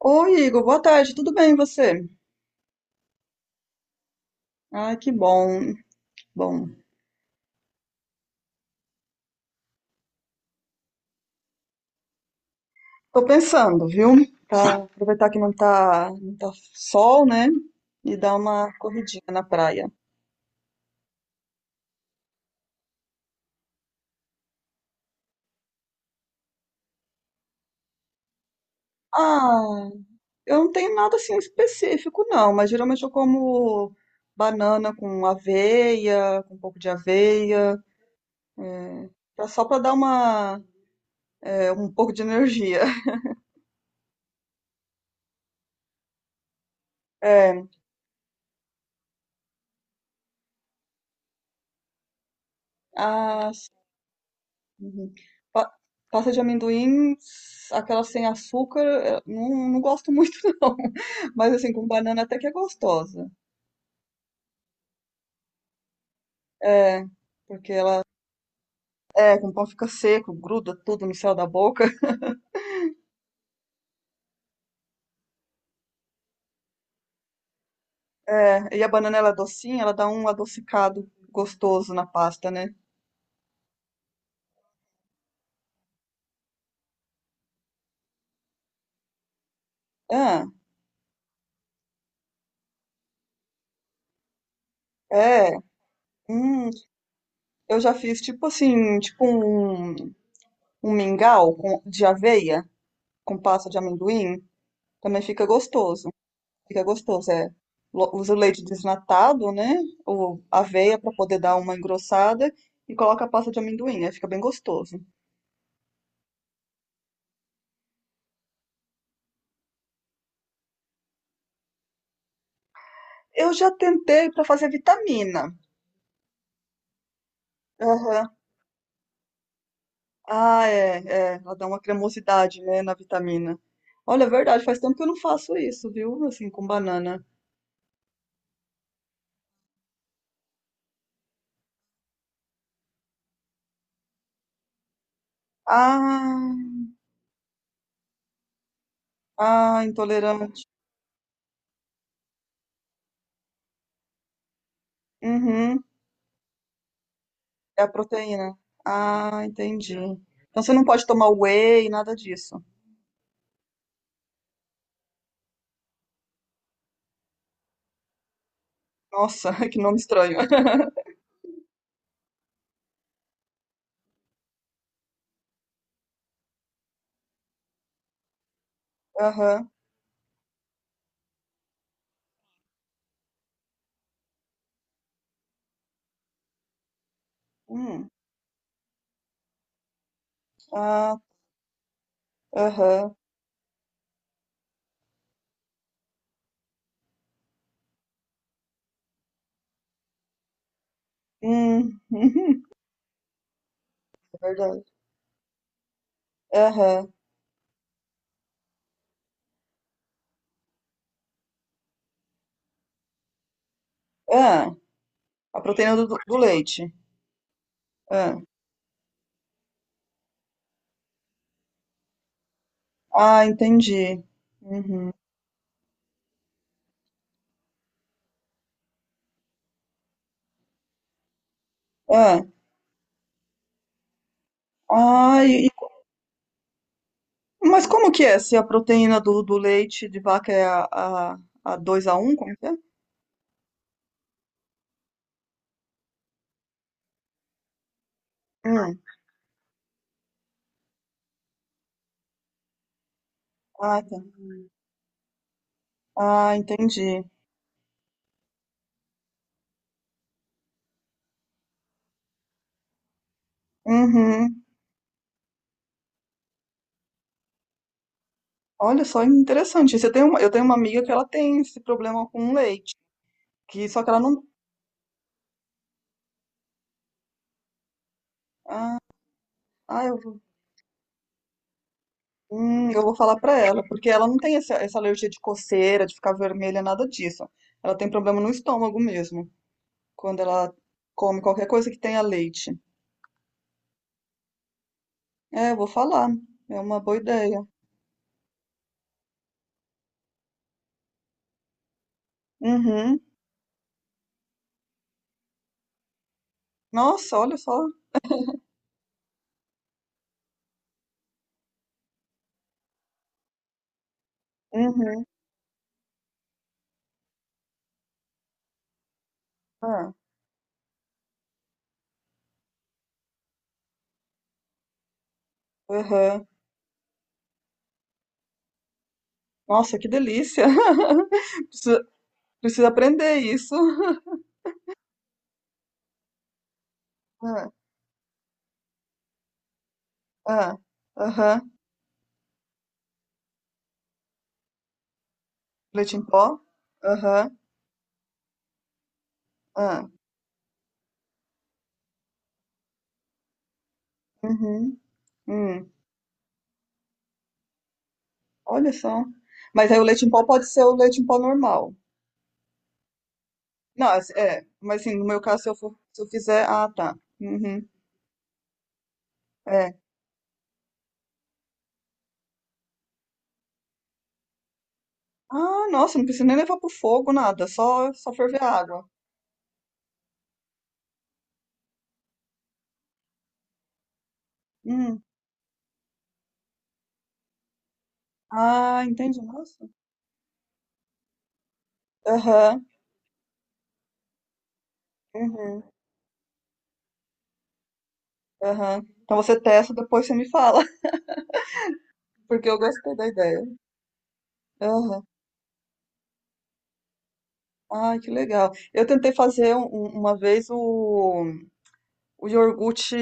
Oi, Igor, boa tarde, tudo bem e você? Ai, que bom. Bom, tô pensando, viu? Pra aproveitar que não tá sol, né? E dar uma corridinha na praia. Ah, eu não tenho nada assim específico, não, mas geralmente eu como banana com aveia, com um pouco de aveia, só pra dar uma, um pouco de energia. É, ah, uhum. Pa- Pasta de amendoim, aquela sem açúcar, não, não gosto muito não. Mas assim, com banana até que é gostosa. É, porque ela é, com pão fica seco, gruda tudo no céu da boca. É, e a banana ela é docinha, ela dá um adocicado gostoso na pasta, né? Ah, é. Hum, eu já fiz tipo assim, tipo um mingau com, de aveia com pasta de amendoim, também fica gostoso. Fica gostoso, é. Usa o leite desnatado, né? Ou aveia para poder dar uma engrossada e coloca a pasta de amendoim, aí fica bem gostoso. Eu já tentei para fazer vitamina. Aham. Ah, é, ela dá uma cremosidade, né, na vitamina. Olha, é verdade, faz tempo que eu não faço isso, viu? Assim, com banana. Ah, ah, intolerante. Uhum, é a proteína. Ah, entendi. Então você não pode tomar whey, nada disso. Nossa, que nome estranho. Aham. Hum. Ah, aham. Hum. É verdade. Aham. Ah, a proteína do leite. Ah, ah, entendi. Uhum. Ah, ah, mas como que é? Se a proteína do leite de vaca é a, a 2 a um, como é que é? Hum. Ah, tá. Ah, entendi. Uhum. Olha só, interessante. Eu tenho uma amiga que ela tem esse problema com leite, que só que ela não. Ah, eu eu vou falar pra ela, porque ela não tem essa alergia de coceira, de ficar vermelha, nada disso. Ela tem problema no estômago mesmo, quando ela come qualquer coisa que tenha leite. É, eu vou falar. É uma boa ideia. Uhum. Nossa, olha só. Uhum. Ah, uhum. Nossa, que delícia. Precisa, precisa aprender isso. Ah, ah, aham. Leite em pó? Aham, ah, uhum, hum. Olha só. Mas aí o leite em pó pode ser o leite em pó normal. Não, assim, é, mas assim, no meu caso, se eu fizer, ah, tá. Uhum, é. Ah, nossa, não precisa nem levar pro fogo, nada, só ferver a água. Hum. Ah, entendi, nossa. Aham, uhum, aham. Então você testa, depois você me fala, porque eu gostei da ideia. Aham. Ah, que legal. Eu tentei fazer uma vez o iogurte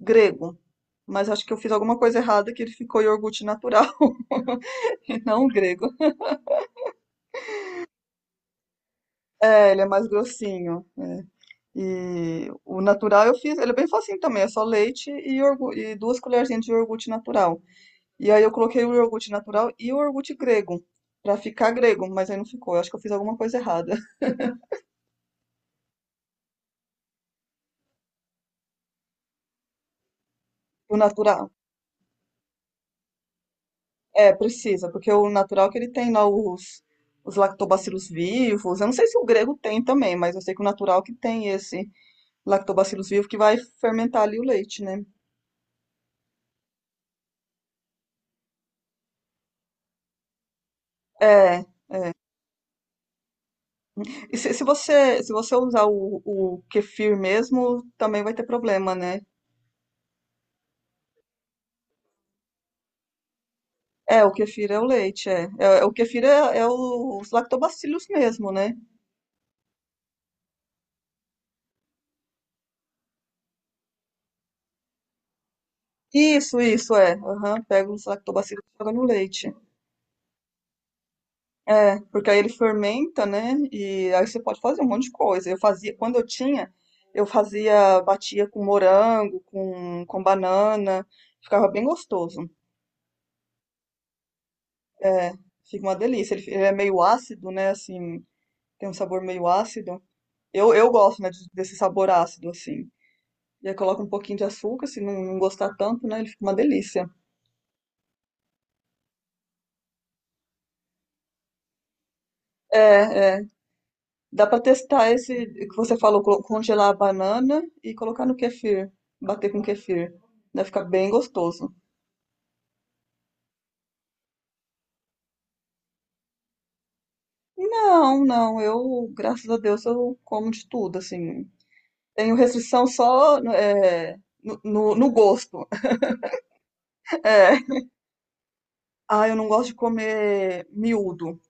grego, mas acho que eu fiz alguma coisa errada que ele ficou iogurte natural, e não grego. É, ele é mais grossinho. É. E o natural eu fiz, ele é bem facinho também, é só leite e, e duas colherzinhas de iogurte natural. E aí eu coloquei o iogurte natural e o iogurte grego, pra ficar grego, mas aí não ficou. Eu acho que eu fiz alguma coisa errada. O natural, precisa, porque o natural que ele tem lá os lactobacilos vivos. Eu não sei se o grego tem também, mas eu sei que o natural que tem esse lactobacilos vivo que vai fermentar ali o leite, né? É, e se você usar o kefir mesmo, também vai ter problema, né? É, o kefir é o leite, é. É, o kefir é os lactobacilos mesmo, né? Isso, é. Aham, pega os lactobacilos e joga no leite. É, porque aí ele fermenta, né? E aí você pode fazer um monte de coisa. Eu fazia, quando eu tinha, eu fazia, batia com morango, com banana, ficava bem gostoso. É, fica uma delícia. Ele é meio ácido, né? Assim, tem um sabor meio ácido. Eu gosto, né, desse sabor ácido, assim. E aí coloca um pouquinho de açúcar, se não, não gostar tanto, né? Ele fica uma delícia. É, é. Dá pra testar esse que você falou, congelar a banana e colocar no kefir, bater com kefir. Vai ficar bem gostoso. Não, não, eu, graças a Deus, eu como de tudo, assim. Tenho restrição só no gosto. É. Ah, eu não gosto de comer miúdo.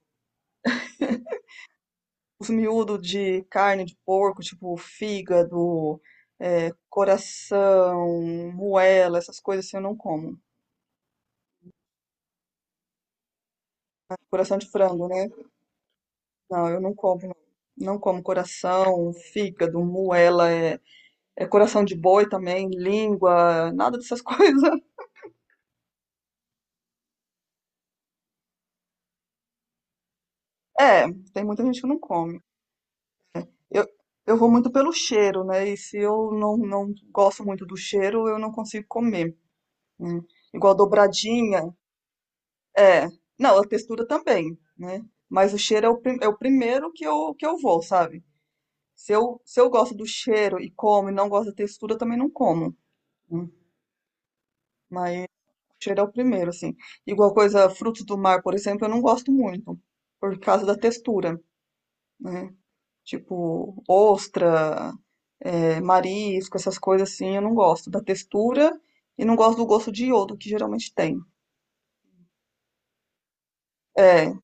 Os miúdos de carne de porco, tipo fígado, coração, moela, essas coisas assim eu não como. Coração de frango, né? Não, eu não como. Não. Como coração, fígado, moela, é coração de boi também, língua, nada dessas coisas. É, tem muita gente que não come. Eu, eu vou muito pelo cheiro, né? E se eu não, não gosto muito do cheiro, eu não consigo comer. Né? Igual dobradinha. É, não, a textura também, né? Mas o cheiro é é o primeiro que eu vou, sabe? Se eu gosto do cheiro e como e não gosto da textura, eu também não como. Né? Mas o cheiro é o primeiro, assim. Igual coisa, frutos do mar, por exemplo, eu não gosto muito, por causa da textura, né? Tipo, ostra, marisco, essas coisas assim, eu não gosto da textura e não gosto do gosto de iodo que geralmente tem. É,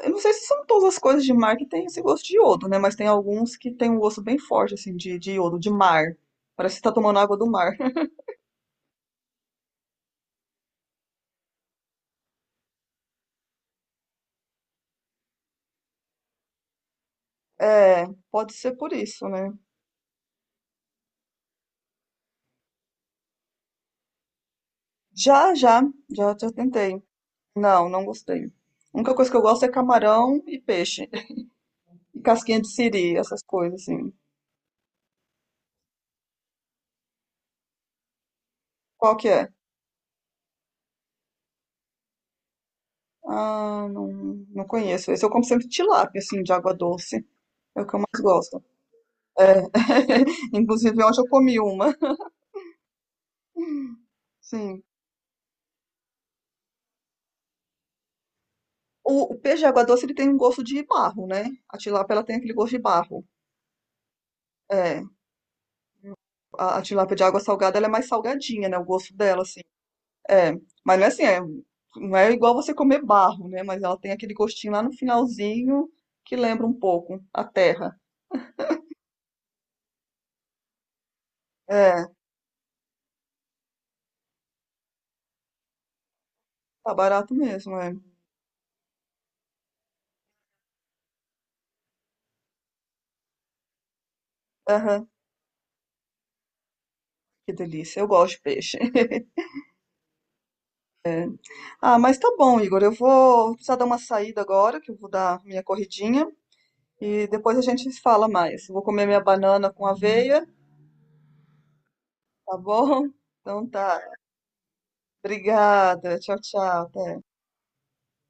eu não sei se são todas as coisas de mar que tem esse gosto de iodo, né? Mas tem alguns que tem um gosto bem forte, assim, de iodo, de mar. Parece que tá tomando água do mar. É, pode ser por isso, né? Já, já, já, já tentei. Não, não gostei. A única coisa que eu gosto é camarão e peixe. E casquinha de siri, essas coisas, assim. Qual que é? Ah, não, não conheço. Esse eu como sempre tilápia, assim, de água doce. É o que eu mais gosto. É. Inclusive, ontem eu comi uma. Sim. O peixe de água doce ele tem um gosto de barro, né? A tilápia ela tem aquele gosto de barro. É, a tilápia de água salgada ela é mais salgadinha, né? O gosto dela, assim. É, mas não é assim, não é igual você comer barro, né? Mas ela tem aquele gostinho lá no finalzinho que lembra um pouco a terra. É, tá barato mesmo, é. Aham, que delícia, eu gosto de peixe. É. Ah, mas tá bom, Igor, eu vou precisar dar uma saída agora, que eu vou dar minha corridinha. E depois a gente se fala mais. Eu vou comer minha banana com aveia. Tá bom? Então tá. Obrigada. Tchau, tchau. Até.